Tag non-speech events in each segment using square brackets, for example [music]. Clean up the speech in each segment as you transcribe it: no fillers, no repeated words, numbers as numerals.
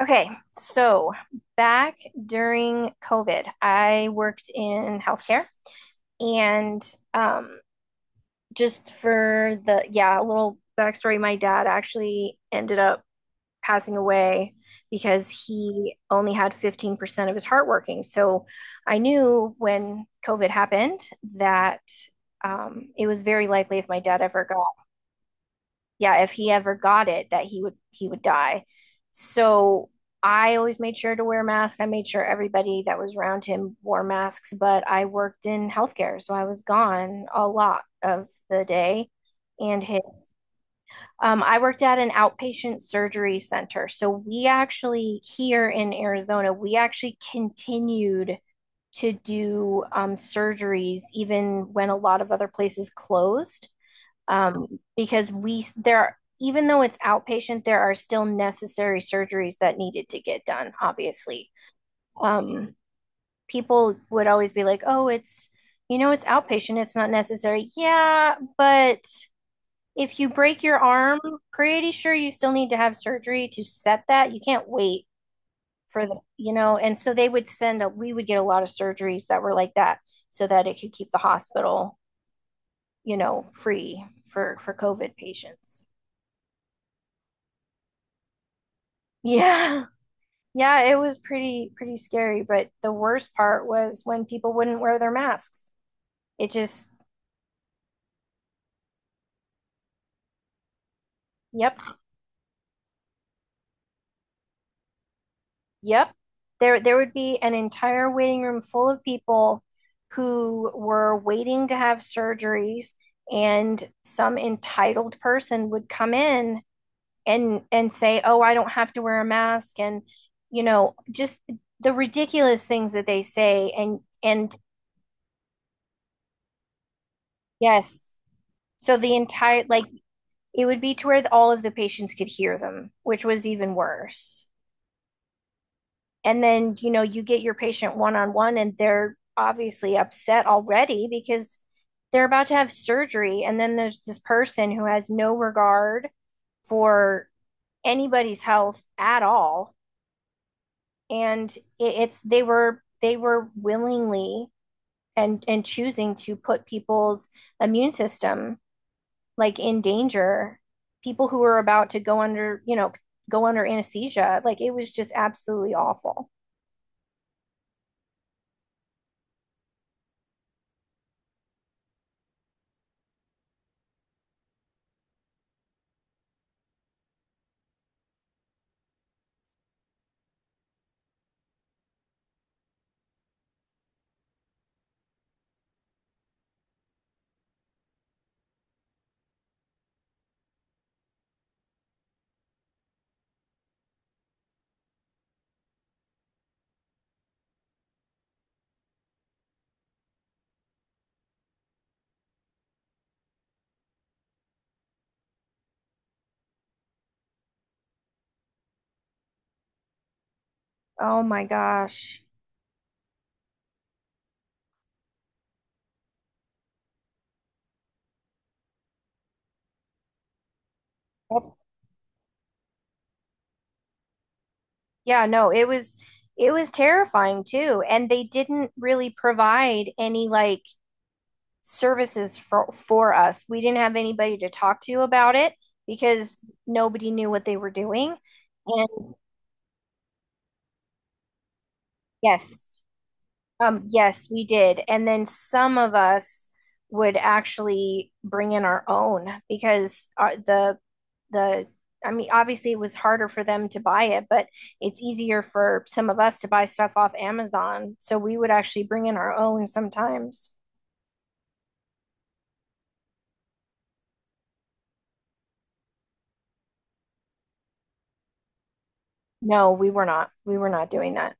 Okay, so back during COVID, I worked in healthcare and um, just for yeah, a little backstory, my dad actually ended up passing away because he only had 15% of his heart working. So I knew when COVID happened that it was very likely if my dad ever got yeah, if he ever got it, that he would die. So I always made sure to wear masks. I made sure everybody that was around him wore masks, but I worked in healthcare, so I was gone a lot of the day. And his, I worked at an outpatient surgery center. So we actually, here in Arizona, we actually continued to do surgeries even when a lot of other places closed, um, because we there are, even though it's outpatient, there are still necessary surgeries that needed to get done. Obviously, um, people would always be like, "Oh, it's." You know, it's outpatient, it's not necessary. Yeah, but if you break your arm, pretty sure you still need to have surgery to set that. You can't wait for you know, and so they would we would get a lot of surgeries that were like that so that it could keep the hospital, you know, free for COVID patients. [laughs] Yeah. Yeah, it was pretty scary, but the worst part was when people wouldn't wear their masks. It just, yep, yep. There would be an entire waiting room full of people who were waiting to have surgeries, and some entitled person would come in and say, "Oh, I don't have to wear a mask," and you know, just the ridiculous things that they say and yes. So the entire like it would be to where all of the patients could hear them, which was even worse. And then, you know, you get your patient one on one and they're obviously upset already because they're about to have surgery. And then there's this person who has no regard for anybody's health at all. And it's, they were willingly and choosing to put people's immune system like in danger, people who were about to go under, you know, go under anesthesia. Like it was just absolutely awful. Oh my gosh. Yep. Yeah, no, it was terrifying too. And they didn't really provide any like services for us. We didn't have anybody to talk to about it because nobody knew what they were doing. And yes. Yes, we did. And then some of us would actually bring in our own because the I mean, obviously it was harder for them to buy it, but it's easier for some of us to buy stuff off Amazon. So we would actually bring in our own sometimes. No, we were not. We were not doing that.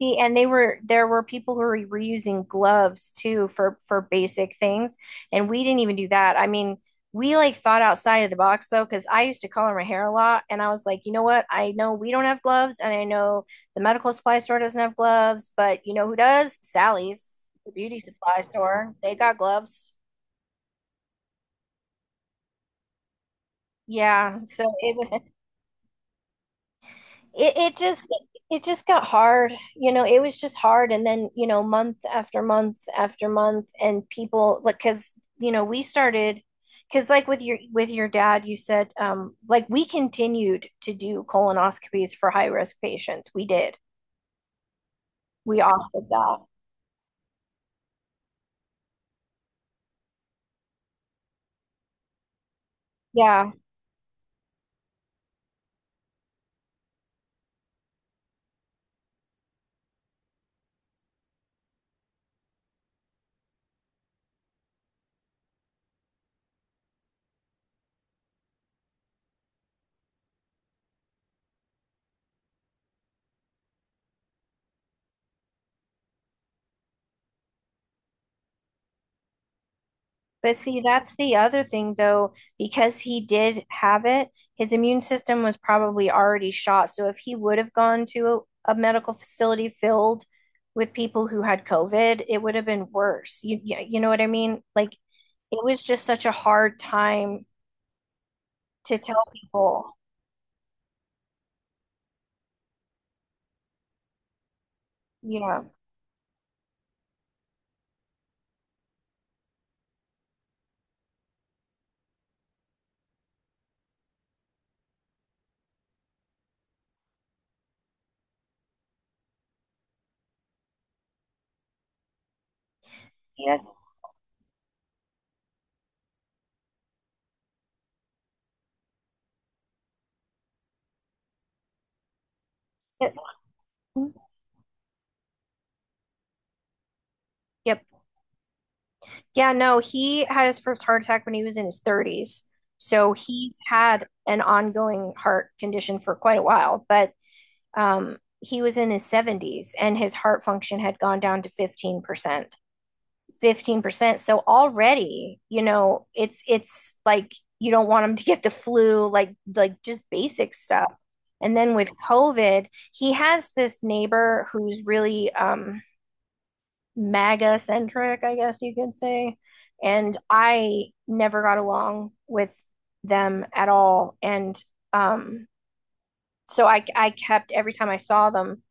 See, and they were there were people who were reusing gloves too for basic things, and we didn't even do that. I mean, we like thought outside of the box though, because I used to color my hair a lot, and I was like, you know what? I know we don't have gloves, and I know the medical supply store doesn't have gloves, but you know who does? Sally's, the beauty supply store. They got gloves. Yeah, so it [laughs] was. It just it just got hard, you know, it was just hard, and then, you know, month after month after month, and people like because you know we started because like with your dad you said like we continued to do colonoscopies for high risk patients. We did, we offered that. Yeah. But see, that's the other thing, though, because he did have it, his immune system was probably already shot. So if he would have gone to a medical facility filled with people who had COVID, it would have been worse. You know what I mean? Like it was just such a hard time to tell people. You know. Yeah. Yes. Yep. Yeah, no, he had his first heart attack when he was in his 30s. So he's had an ongoing heart condition for quite a while, but he was in his 70s and his heart function had gone down to 15%. 15%. So already, you know, it's like you don't want him to get the flu, like just basic stuff. And then with COVID, he has this neighbor who's really, MAGA centric, I guess you could say. And I never got along with them at all. And um, so I kept, every time I saw them,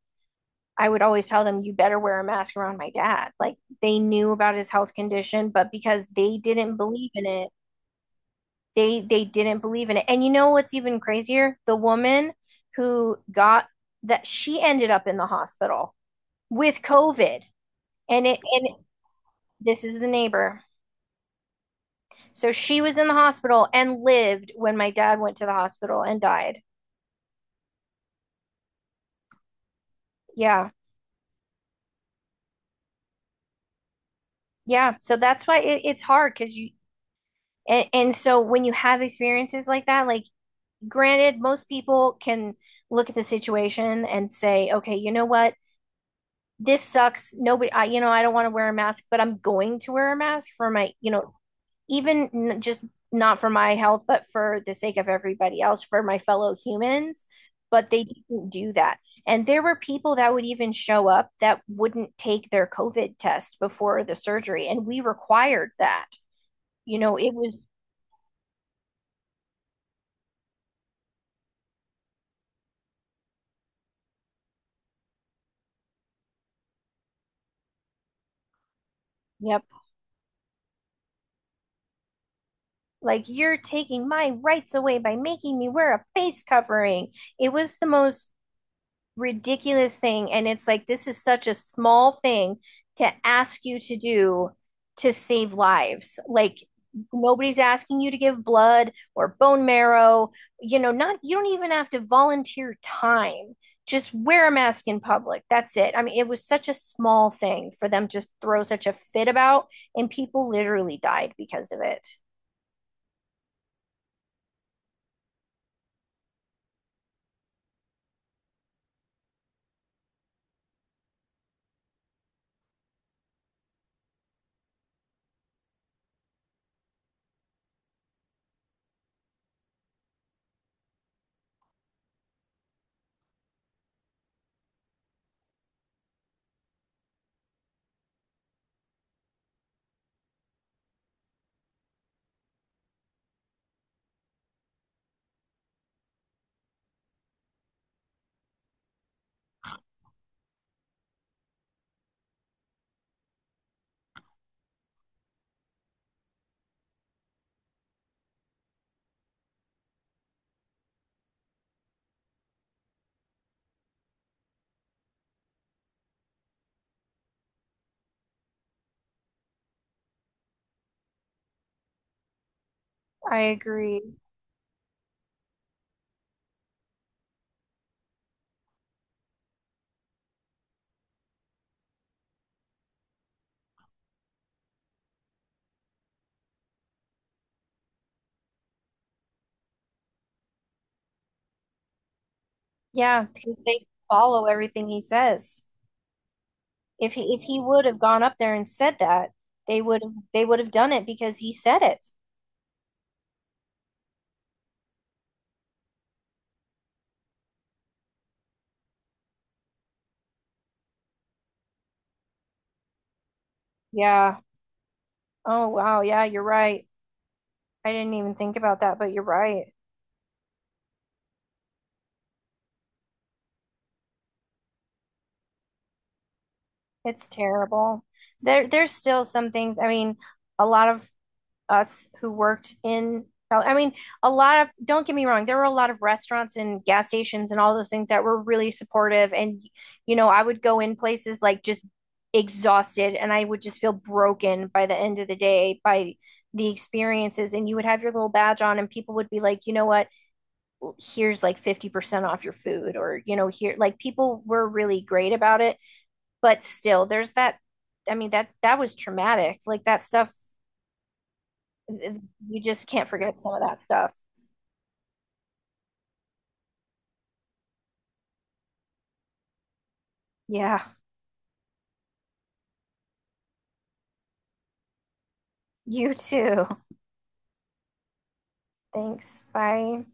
I would always tell them, you better wear a mask around my dad. Like they knew about his health condition, but because they didn't believe in it, they didn't believe in it. And you know what's even crazier? The woman who got that she ended up in the hospital with COVID. And it and it, this is the neighbor. So she was in the hospital and lived when my dad went to the hospital and died. Yeah. Yeah. So that's why it's hard because you and so when you have experiences like that, like granted, most people can look at the situation and say, okay, you know what? This sucks. Nobody, you know, I don't want to wear a mask, but I'm going to wear a mask for my, you know, just not for my health, but for the sake of everybody else, for my fellow humans. But they didn't do that. And there were people that would even show up that wouldn't take their COVID test before the surgery. And we required that. You know, it was, yep. Like, you're taking my rights away by making me wear a face covering. It was the most ridiculous thing. And it's like, this is such a small thing to ask you to do to save lives. Like, nobody's asking you to give blood or bone marrow. You know, not, you don't even have to volunteer time. Just wear a mask in public. That's it. I mean, it was such a small thing for them to just throw such a fit about, and people literally died because of it. I agree. Yeah, because they follow everything he says. If he would have gone up there and said that, they would have done it because he said it. Yeah. Oh wow, yeah, you're right. I didn't even think about that, but you're right. It's terrible. There's still some things. I mean, a lot of us who worked in, I mean, a lot of, don't get me wrong, there were a lot of restaurants and gas stations and all those things that were really supportive. And, you know, I would go in places like just exhausted and I would just feel broken by the end of the day by the experiences. And you would have your little badge on and people would be like, you know what, here's like 50% off your food or, you know, here, like people were really great about it. But still, there's that. I mean, that was traumatic. Like that stuff you just can't forget some of that stuff. Yeah. You too. Thanks. Bye.